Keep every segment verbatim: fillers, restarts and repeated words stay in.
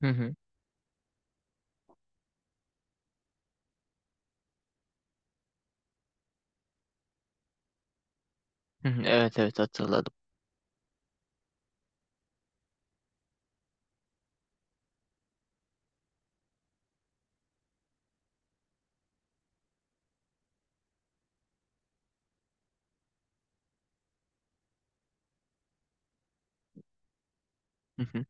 Hı hı. Hı hı. Evet evet hatırladım. Hı hı.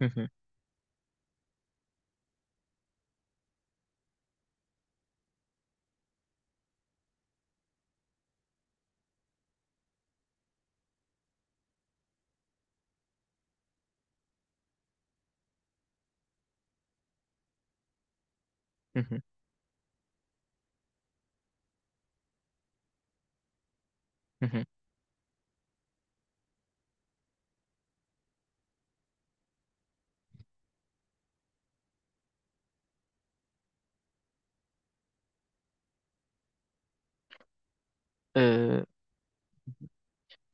Hı hı. Hı hı. Hı hı. Ee,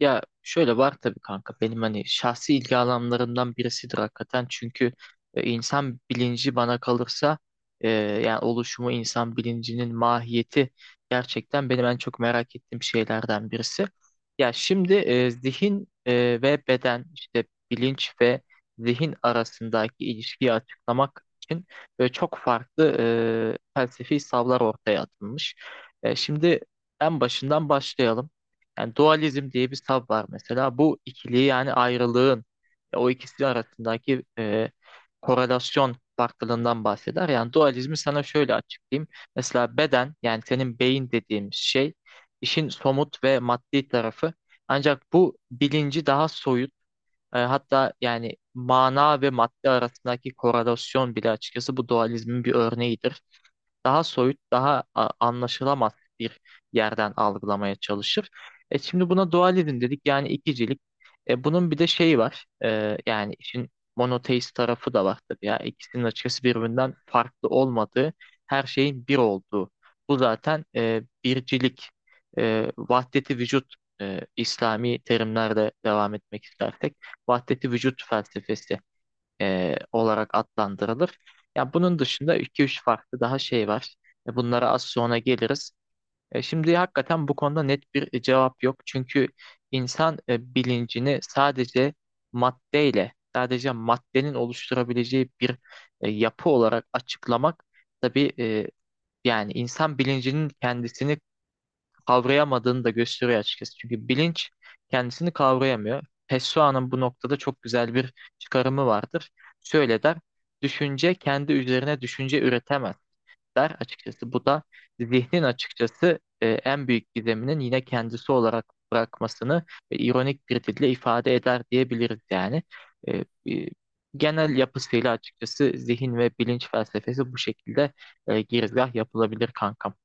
Ya şöyle var tabii kanka benim hani şahsi ilgi alanlarımdan birisidir hakikaten çünkü e, insan bilinci bana kalırsa, e, yani oluşumu insan bilincinin mahiyeti gerçekten benim en çok merak ettiğim şeylerden birisi. Ya şimdi e, zihin e, ve beden işte bilinç ve zihin arasındaki ilişkiyi açıklamak için böyle çok farklı e, felsefi savlar ortaya atılmış. E, şimdi en başından başlayalım. Yani dualizm diye bir tab var mesela. Bu ikiliği yani ayrılığın, e, o ikisi arasındaki e, korelasyon farklılığından bahseder. Yani dualizmi sana şöyle açıklayayım. Mesela beden yani senin beyin dediğimiz şey işin somut ve maddi tarafı. Ancak bu bilinci daha soyut, e, hatta yani mana ve madde arasındaki korelasyon bile açıkçası bu dualizmin bir örneğidir, daha soyut, daha a- anlaşılamaz bir yerden algılamaya çalışır. E şimdi buna dualizm dedik yani ikicilik. E bunun bir de şeyi var. E, yani işin monoteist tarafı da var tabii ya. İkisinin açıkçası birbirinden farklı olmadığı, her şeyin bir olduğu. Bu zaten, e, bircilik, e, vahdeti vücut, e, İslami terimlerle devam etmek istersek vahdeti vücut felsefesi e, olarak adlandırılır. Ya bunun dışında iki üç farklı daha şey var. E, Bunlara az sonra geliriz. E, şimdi hakikaten bu konuda net bir e, cevap yok. Çünkü insan e, bilincini sadece maddeyle, sadece maddenin oluşturabileceği bir e, yapı olarak açıklamak tabii, e, yani insan bilincinin kendisini kavrayamadığını da gösteriyor açıkçası. Çünkü bilinç kendisini kavrayamıyor. Pessoa'nın bu noktada çok güzel bir çıkarımı vardır. Şöyle der, düşünce kendi üzerine düşünce üretemez der açıkçası. Bu da zihnin açıkçası e, en büyük gizeminin yine kendisi olarak bırakmasını e, ironik bir dille ifade eder diyebiliriz yani. E, e, Genel yapısıyla açıkçası zihin ve bilinç felsefesi bu şekilde e, girizgah yapılabilir kankam.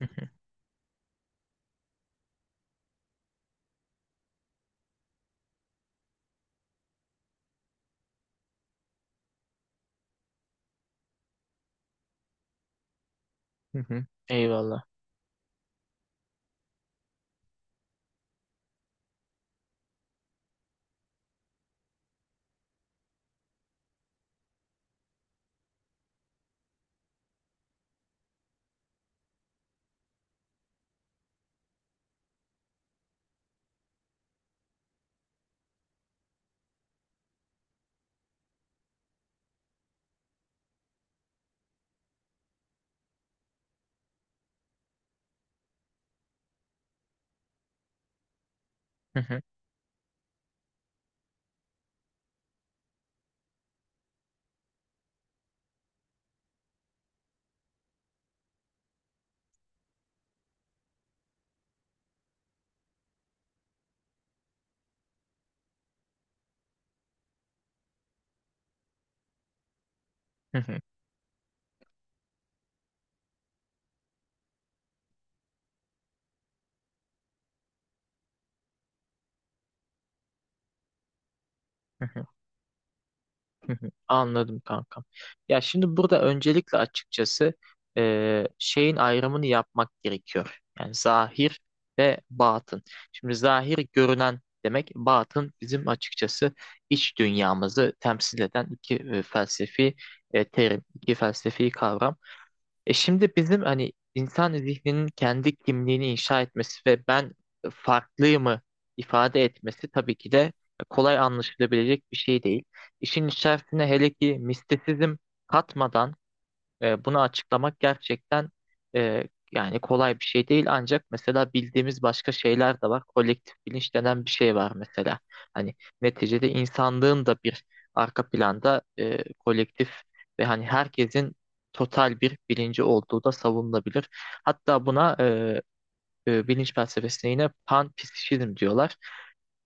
Hı hı, hı hı. Eyvallah. Hı hı, hı hı, hı hı, hı hı. Anladım kankam. Ya şimdi burada öncelikle açıkçası e, şeyin ayrımını yapmak gerekiyor. Yani zahir ve batın. Şimdi zahir görünen demek, batın bizim açıkçası iç dünyamızı temsil eden iki e, felsefi e, terim, iki felsefi kavram. E şimdi bizim hani insan zihninin kendi kimliğini inşa etmesi ve ben farklıyımı ifade etmesi tabii ki de kolay anlaşılabilecek bir şey değil. İşin içerisine hele ki mistisizm katmadan, e, bunu açıklamak gerçekten, e, yani kolay bir şey değil ancak mesela bildiğimiz başka şeyler de var. Kolektif bilinç denen bir şey var mesela. Hani neticede insanlığın da bir arka planda, e, kolektif ve hani herkesin total bir bilinci olduğu da savunulabilir. Hatta buna, e, e, bilinç felsefesine yine panpsişizm diyorlar.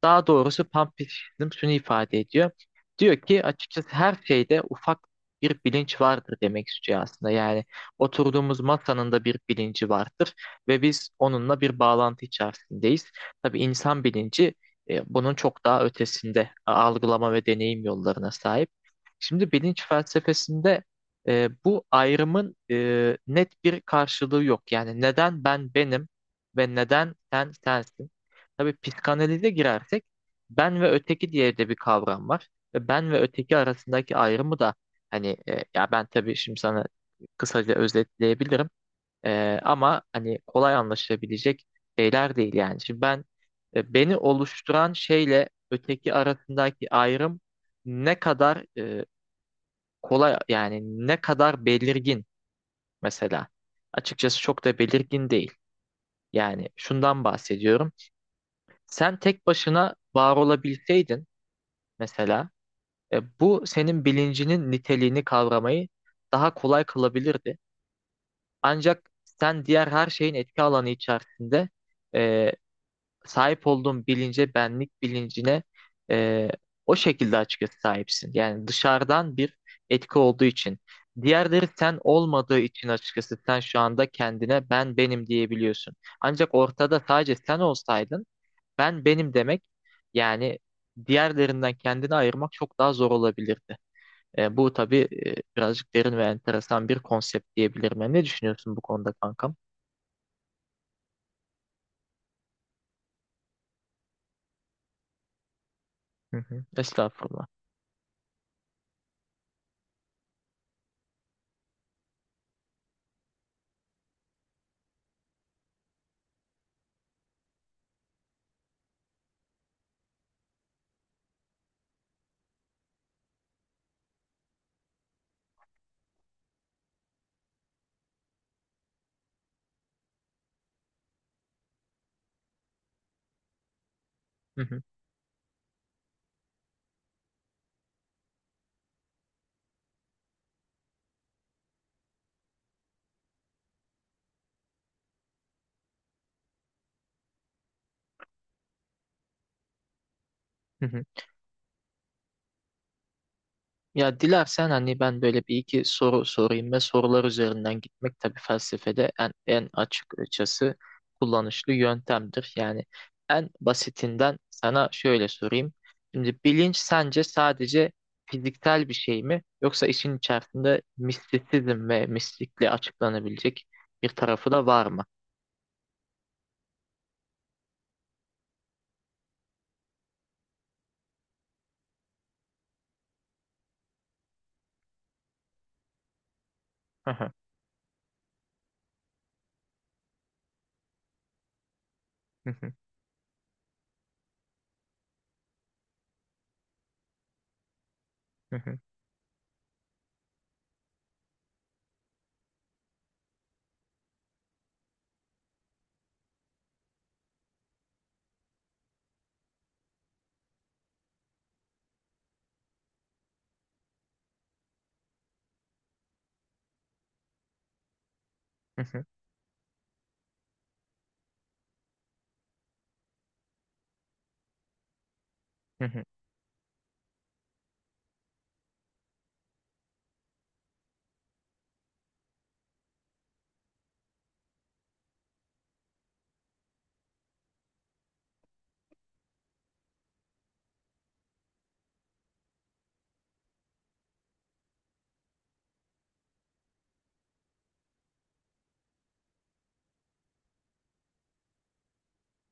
Daha doğrusu panpsişizm şunu ifade ediyor. Diyor ki açıkçası her şeyde ufak bir bilinç vardır demek istiyor aslında. Yani oturduğumuz masanın da bir bilinci vardır ve biz onunla bir bağlantı içerisindeyiz. Tabii insan bilinci e, bunun çok daha ötesinde a- algılama ve deneyim yollarına sahip. Şimdi bilinç felsefesinde e, bu ayrımın e, net bir karşılığı yok. Yani neden ben benim ve neden sen sensin? Tabii psikanalize girersek ben ve öteki diye de bir kavram var. Ve ben ve öteki arasındaki ayrımı da hani, e, ya ben tabii şimdi sana kısaca özetleyebilirim. E, ama hani kolay anlaşılabilecek şeyler değil yani. Şimdi ben, e, beni oluşturan şeyle öteki arasındaki ayrım ne kadar e, kolay, yani ne kadar belirgin mesela. Açıkçası çok da belirgin değil. Yani şundan bahsediyorum. Sen tek başına var olabilseydin mesela, e, bu senin bilincinin niteliğini kavramayı daha kolay kılabilirdi. Ancak sen diğer her şeyin etki alanı içerisinde e, sahip olduğun bilince, benlik bilincine, e, o şekilde açıkçası sahipsin. Yani dışarıdan bir etki olduğu için. Diğerleri sen olmadığı için açıkçası sen şu anda kendine ben benim diyebiliyorsun. Ancak ortada sadece sen olsaydın ben benim demek, yani diğerlerinden kendini ayırmak çok daha zor olabilirdi. E, bu tabii, e, birazcık derin ve enteresan bir konsept diyebilirim. Yani ne düşünüyorsun bu konuda kankam? Hı hı. Estağfurullah. Hı hı. Hı hı. Ya dilersen hani ben böyle bir iki soru sorayım ve sorular üzerinden gitmek tabii felsefede en, en açıkçası kullanışlı yöntemdir. Yani en basitinden sana şöyle sorayım. Şimdi bilinç sence sadece fiziksel bir şey mi yoksa işin içerisinde mistisizm ve mistikle açıklanabilecek bir tarafı da var mı?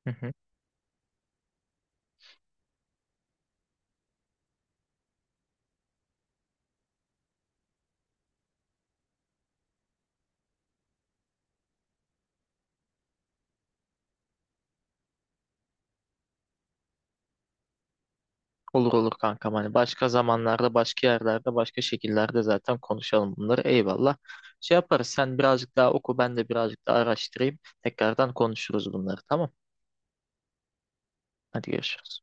Olur olur kankam, hani başka zamanlarda başka yerlerde başka şekillerde zaten konuşalım bunları, eyvallah. Şey yaparız, sen birazcık daha oku, ben de birazcık daha araştırayım, tekrardan konuşuruz bunları, tamam. Hadi görüşürüz.